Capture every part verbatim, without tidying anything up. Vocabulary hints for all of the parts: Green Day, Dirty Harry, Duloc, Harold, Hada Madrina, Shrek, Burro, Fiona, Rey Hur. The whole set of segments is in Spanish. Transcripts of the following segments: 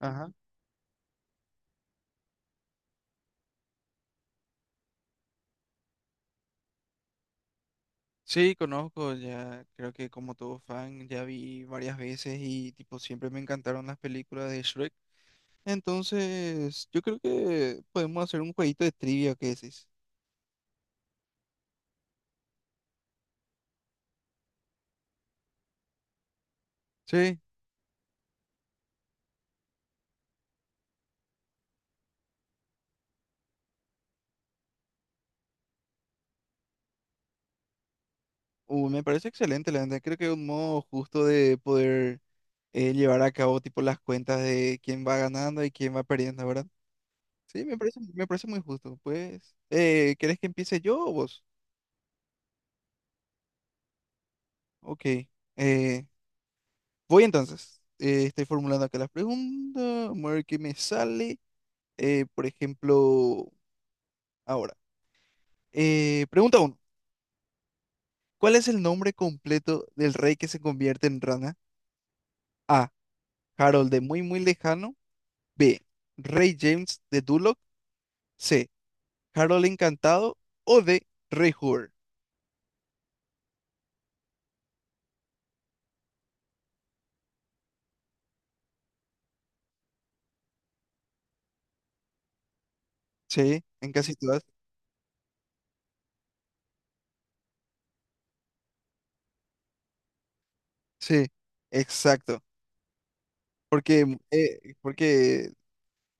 Ajá. Sí, conozco, ya creo que como todo fan ya vi varias veces y tipo siempre me encantaron las películas de Shrek. Entonces, yo creo que podemos hacer un jueguito de trivia, ¿qué decís? Sí, uh, me parece excelente, la verdad. Creo que es un modo justo de poder eh, llevar a cabo tipo las cuentas de quién va ganando y quién va perdiendo, ¿verdad? Sí, me parece, me parece muy justo. Pues, eh, ¿querés que empiece yo o vos? Ok. Eh, Voy entonces. Eh, estoy formulando acá la pregunta. Vamos a ver qué me sale. Eh, por ejemplo, ahora. Eh, pregunta uno. ¿Cuál es el nombre completo del rey que se convierte en rana? A. Harold de muy muy lejano. B. Rey James de Duloc. C. Harold encantado. O D. Rey Hur. Sí, en casi todas. Sí, exacto. Porque, eh, porque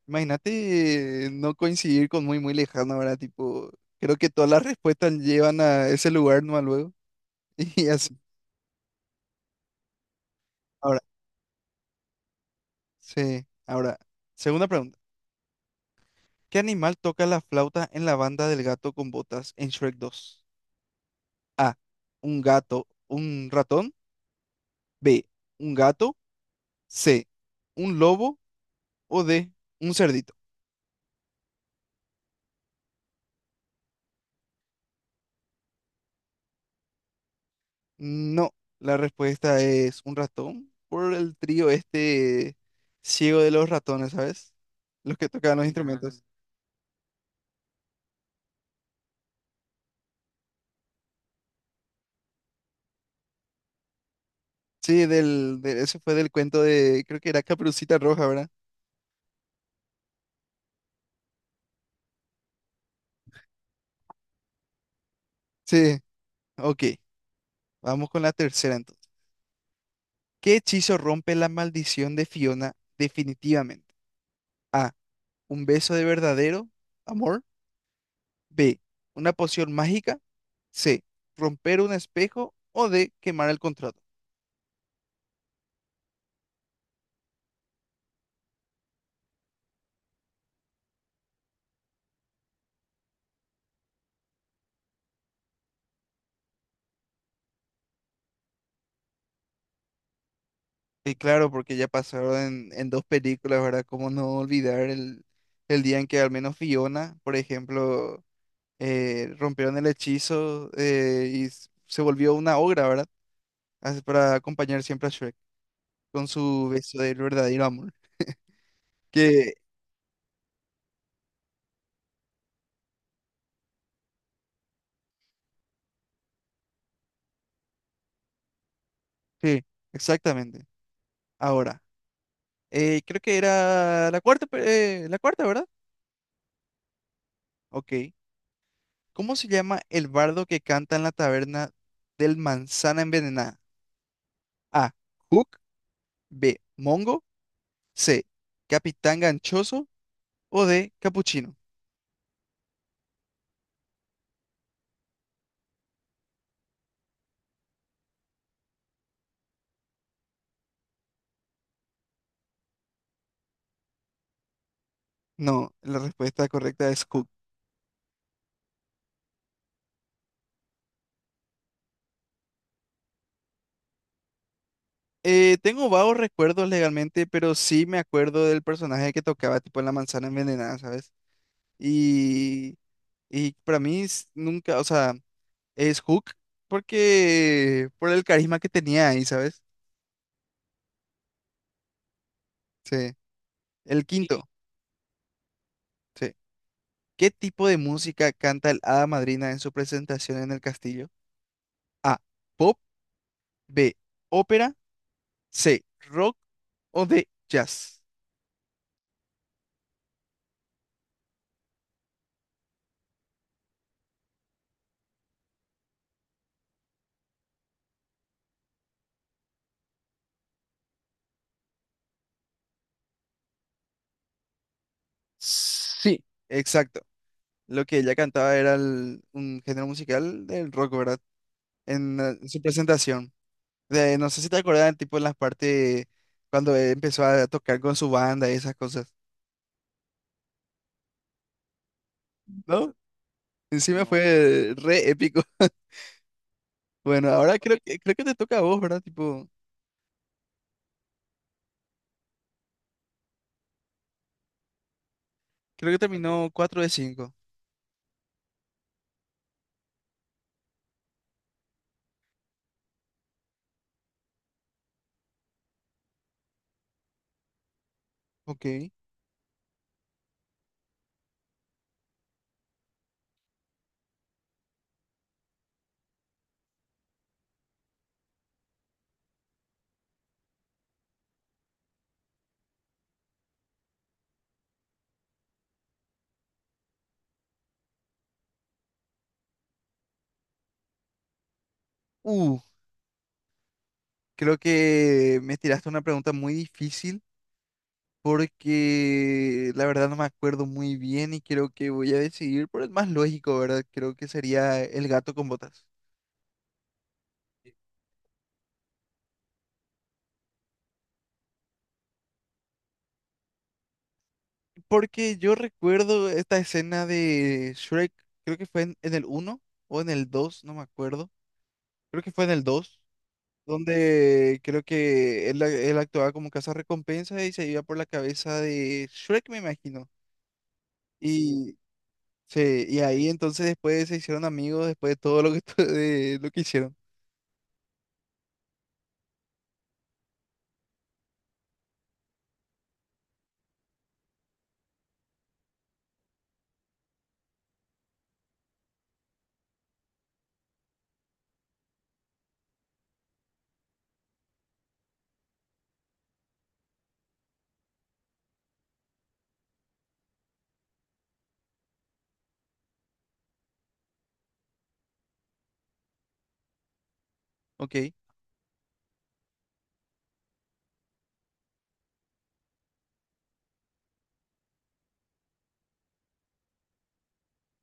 imagínate, eh, no coincidir con muy, muy lejano, ¿verdad? Tipo, creo que todas las respuestas llevan a ese lugar, ¿no? Luego. Y así. Ahora, sí. Ahora, segunda pregunta. ¿Qué animal toca la flauta en la banda del gato con botas en Shrek dos? A. Un gato, un ratón. B. Un gato. C. Un lobo. O D. Un cerdito. No, la respuesta es un ratón, por el trío este ciego de los ratones, ¿sabes? Los que tocaban los, ah, instrumentos. Sí, del, de- ese fue del cuento de, creo que era Caperucita Roja, ¿verdad? Sí, ok, vamos con la tercera entonces. ¿Qué hechizo rompe la maldición de Fiona definitivamente? A, un beso de verdadero amor. B, una poción mágica. C, romper un espejo. O D, quemar el contrato. Y claro, porque ya pasaron en, en dos películas, ¿verdad? ¿Cómo no olvidar el, el día en que al menos Fiona, por ejemplo, eh, rompieron el hechizo, eh, y s- se volvió una ogra, ¿verdad? Así para acompañar siempre a Shrek con su beso del verdadero amor. Que, sí, exactamente. Ahora, eh, creo que era la cuarta, pe- eh, la cuarta, ¿verdad? Ok. ¿Cómo se llama el bardo que canta en la taberna del manzana envenenada? A. Hook. B. Mongo. C. Capitán Ganchoso. O D. Capuchino. No, la respuesta correcta es Hook. Eh, tengo vagos recuerdos legalmente, pero sí me acuerdo del personaje que tocaba tipo en la manzana envenenada, ¿sabes? Y, y para mí es- nunca, o sea, es Hook porque por el carisma que tenía ahí, ¿sabes? Sí. El sí, quinto, sí. ¿Qué tipo de música canta el Hada Madrina en su presentación en el castillo? A. Pop. B. Ópera. C, rock. O de jazz. Sí, exacto. Lo que ella cantaba era el- un género musical del rock, ¿verdad? En, eh, su presentación. De- no sé si te acordás, tipo en las partes cuando, eh, empezó a tocar con su banda y esas cosas. ¿No? Encima no, fue re épico. Bueno, ahora creo, ok, que creo que te toca a vos, ¿verdad? Tipo, creo que terminó cuatro de cinco. Ok. Uh, creo que me tiraste una pregunta muy difícil, porque la verdad no me acuerdo muy bien y creo que voy a decidir por el más lógico, ¿verdad? Creo que sería el gato con botas. Porque yo recuerdo esta escena de Shrek, creo que fue en, en el uno o en el dos, no me acuerdo. Creo que fue en el dos, donde creo que él, él actuaba como recompensa y se iba por la cabeza de Shrek, me imagino. Y, sí, y ahí entonces después se hicieron amigos después de todo lo que, de lo que hicieron. Ok.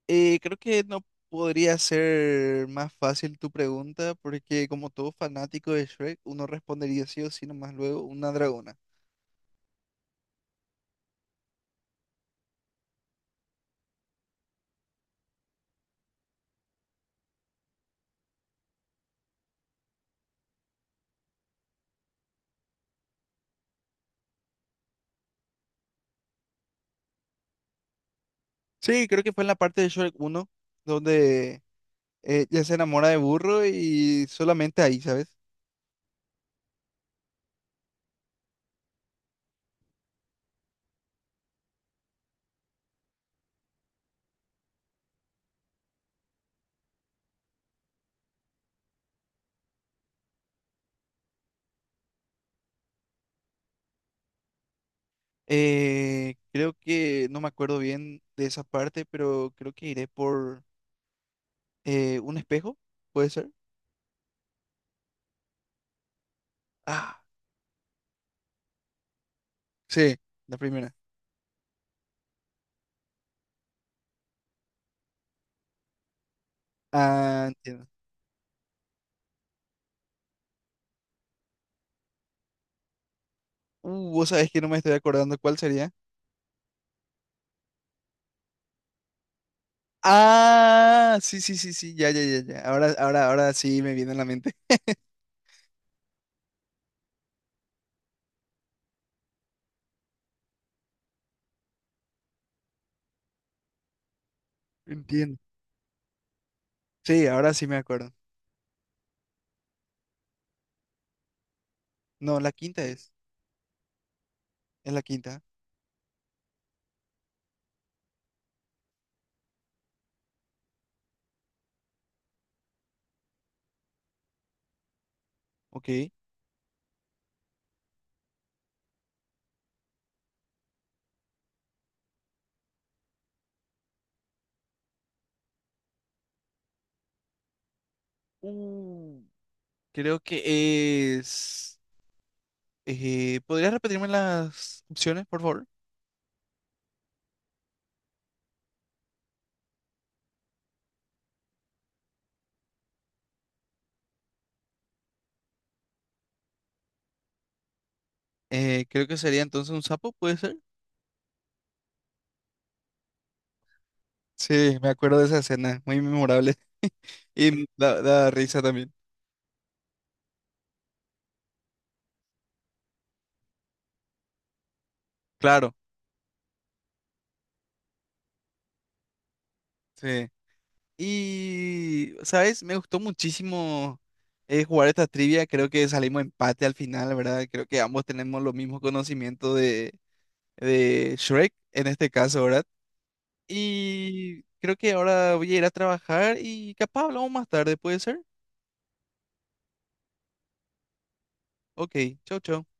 Eh, creo que no podría ser más fácil tu pregunta, porque como todo fanático de Shrek, uno respondería sí o sí nomás luego una dragona. Sí, creo que fue en la parte de Shrek uno donde, eh, ella se enamora de Burro y solamente ahí, ¿sabes? Eh, creo que no me acuerdo bien de esa parte, pero creo que iré por, eh, un espejo, ¿puede ser? Ah, sí, la primera. Ah, entiendo. Uh, vos sabés que no me estoy acordando cuál sería. Ah, sí, sí, sí, sí, ya, ya, ya, ya. Ahora, ahora, ahora sí me viene a la mente. Entiendo. Sí, ahora sí me acuerdo. No, la quinta es. Es la quinta. Ok. Uh, creo que es, eh, ¿podrías repetirme las opciones, por favor? Eh, creo que sería entonces un sapo, ¿puede ser? Sí, me acuerdo de esa escena, muy memorable. Y da, da risa también. Claro, sí. Y, ¿sabes? Me gustó muchísimo, eh, jugar esta trivia. Creo que salimos empate al final, ¿verdad? Creo que ambos tenemos los mismos conocimientos de, de Shrek en este caso, ¿verdad? Y creo que ahora voy a ir a trabajar y capaz hablamos más tarde, ¿puede ser? Ok, chau, chau.